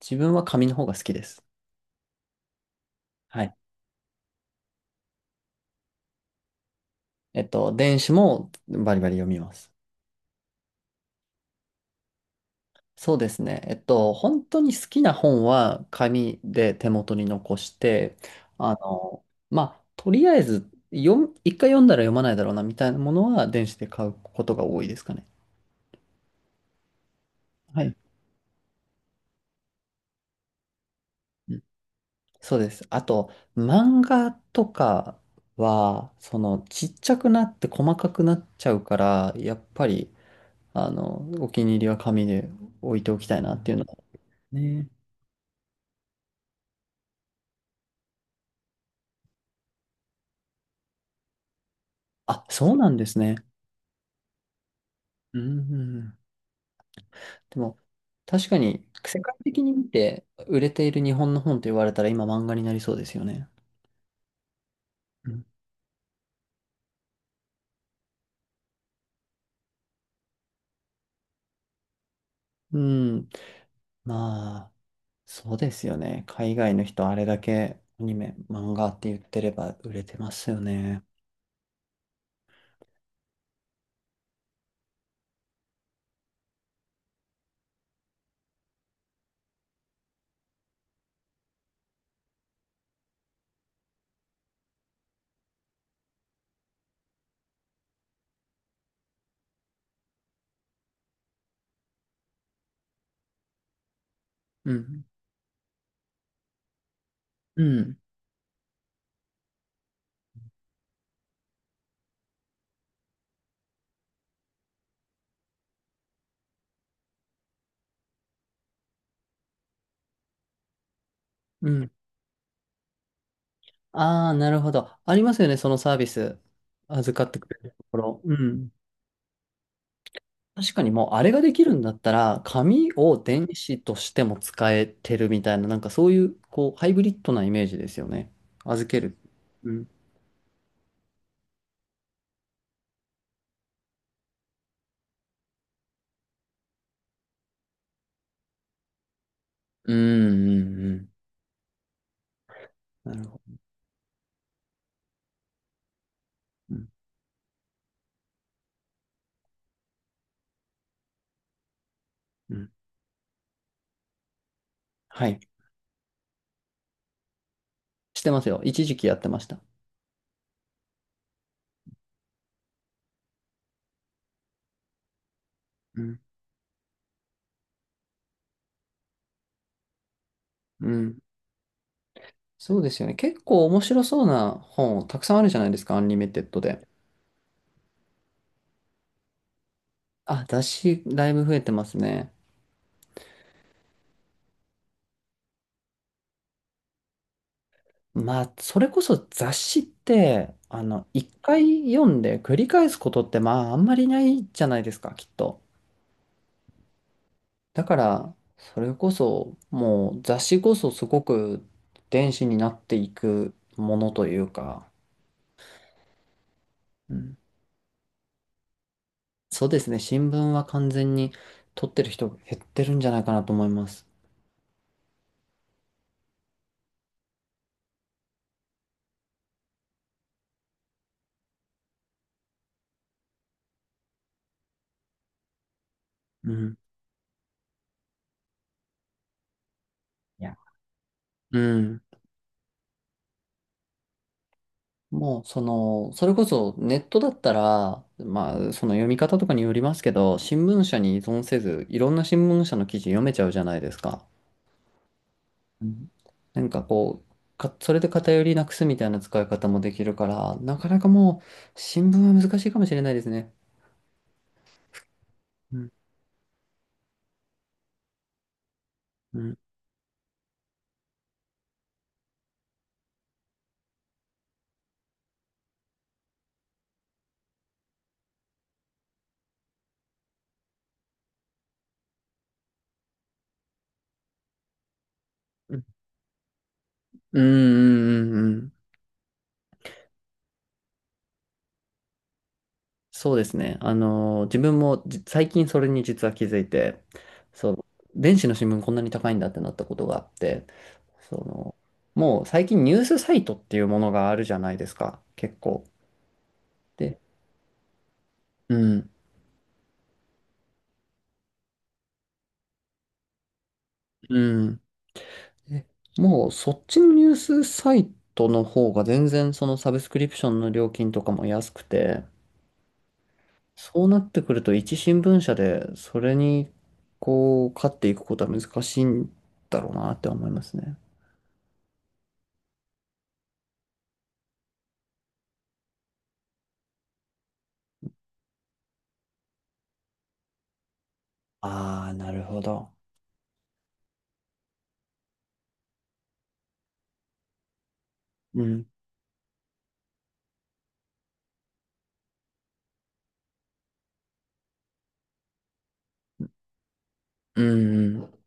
自分は紙の方が好きです。はい。電子もバリバリ読みます。そうですね。本当に好きな本は紙で手元に残して、とりあえず読む、一回読んだら読まないだろうなみたいなものは電子で買うことが多いですかね。はい。うん。そうです。あと、漫画とかは、その、ちっちゃくなって細かくなっちゃうから、やっぱり、あの、お気に入りは紙で置いておきたいなっていうのねえ。あ、そうなんですね。うん、でも、確かに、世界的に見て売れている日本の本と言われたら今漫画になりそうですよね。うん。うん。まあ、そうですよね。海外の人あれだけアニメ、漫画って言ってれば売れてますよね。うん。うん。うん。ああ、なるほど。ありますよね、そのサービス。預かってくれるところ。うん。確かにもうあれができるんだったら、紙を電子としても使えてるみたいな、なんかそういう、こう、ハイブリッドなイメージですよね。預ける。うん。うん、うん、うん。なるほど。うん、うん。はい。してますよ。一時期やってました。うん。うん。そうですよね。結構面白そうな本、たくさんあるじゃないですか、アンリミテッドで。あ、雑誌、だいぶ増えてますね。まあ、それこそ雑誌って、あの、一回読んで繰り返すことって、まあ、あんまりないじゃないですか、きっと。だから、それこそ、もう雑誌こそすごく電子になっていくものというか、うん、そうですね、新聞は完全に取ってる人減ってるんじゃないかなと思います。うん。いや、うん。もう、その、それこそネットだったら、まあ、その読み方とかによりますけど、新聞社に依存せず、いろんな新聞社の記事読めちゃうじゃないですか。うん。なんかこう、か、それで偏りなくすみたいな使い方もできるから、なかなかもう、新聞は難しいかもしれないですね。うん、うん、うん、うん、うん、うん。うん、そうですね。あの、自分も最近それに実は気づいて、そう、電子の新聞こんなに高いんだってなったことがあって、その、もう最近ニュースサイトっていうものがあるじゃないですか、結構。で、うん、うん。でもうそっちのニュースサイトの方が全然そのサブスクリプションの料金とかも安くて、そうなってくると一新聞社でそれにこう、勝っていくことは難しいんだろうなって思いますね。ああ、なるほど。うん。うん、うん。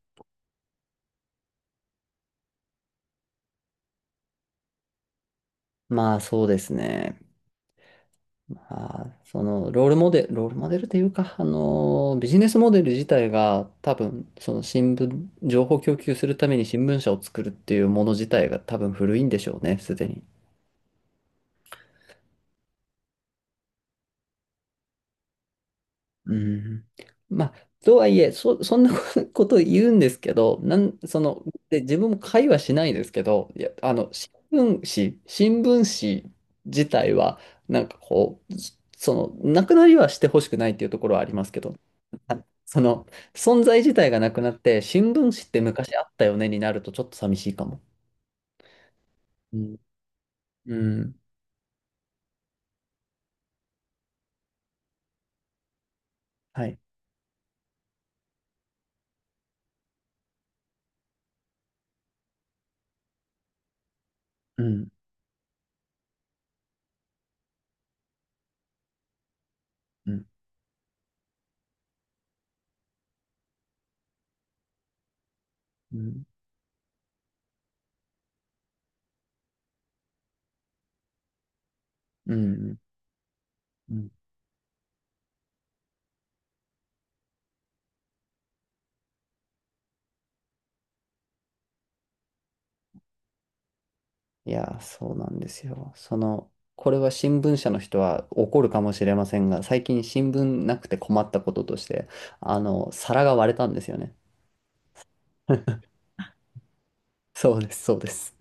まあ、そうですね。まあ、そのロールモデル、ロールモデルというか、あの、ビジネスモデル自体が多分、その新聞、情報供給するために新聞社を作るっていうもの自体が多分古いんでしょうね、すでに。うん。まあ、とはいえ、そ、そんな こと言うんですけど、なん、その、で、自分も会話しないですけど、いや、あの、新聞紙自体は、なんかこう、その、なくなりはしてほしくないっていうところはありますけど、あ、その、存在自体がなくなって、新聞紙って昔あったよねになると、ちょっと寂しいかも。うん。うん。はい。うん。うん。うん。うん。うん。いや、そうなんですよ。その、これは新聞社の人は怒るかもしれませんが、最近新聞なくて困ったこととして、あの、皿が割れたんですよね。そうです、そうです。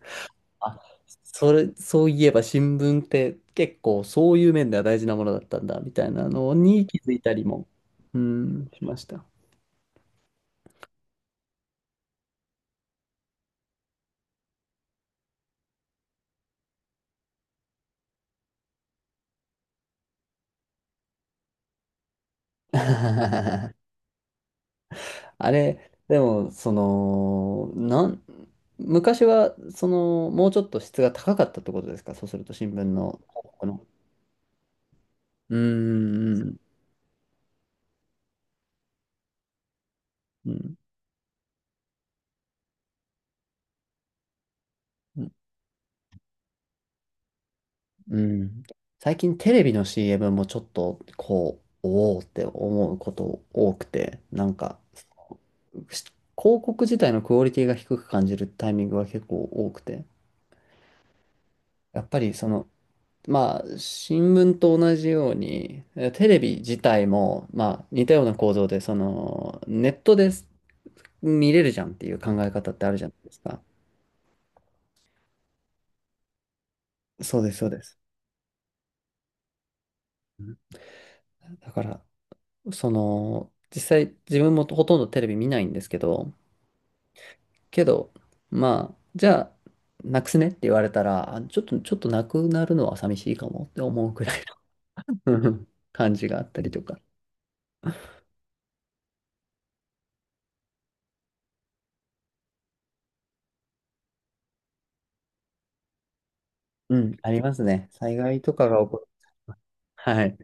あ、それ、そういえば新聞って結構そういう面では大事なものだったんだ、みたいなのに気づいたりも、うん、しました。あれ、でも、その、なん、昔は、その、もうちょっと質が高かったってことですかそうすると、新聞の、この、うーん、うん、うん、うん、最近テレビの CM もちょっと、こう、おおって思うこと多くて、なんか、し広告自体のクオリティが低く感じるタイミングが結構多くて、やっぱりその、まあ、新聞と同じように、えテレビ自体も、まあ、似たような構造で、その、ネットで見れるじゃんっていう考え方ってあるじゃないですか。そうです、そうです。うん、だから、その、実際自分もほとんどテレビ見ないんですけど、けど、まあ、じゃあ、なくすねって言われたら、あちょっと、ちょっとなくなるのは寂しいかもって思うくらいの 感じがあったりとか。うん、ありますね。災害とかが起こる。はい。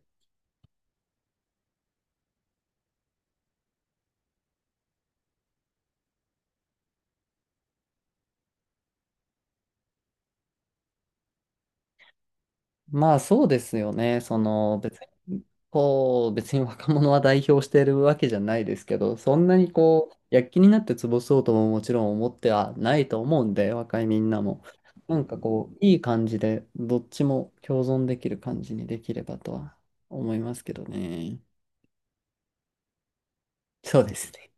まあ、そうですよね。その別に、こう、別に若者は代表しているわけじゃないですけど、そんなにこう、躍起になって潰そうとももちろん思ってはないと思うんで、若いみんなも。なんかこう、いい感じで、どっちも共存できる感じにできればとは思いますけどね。そうですね。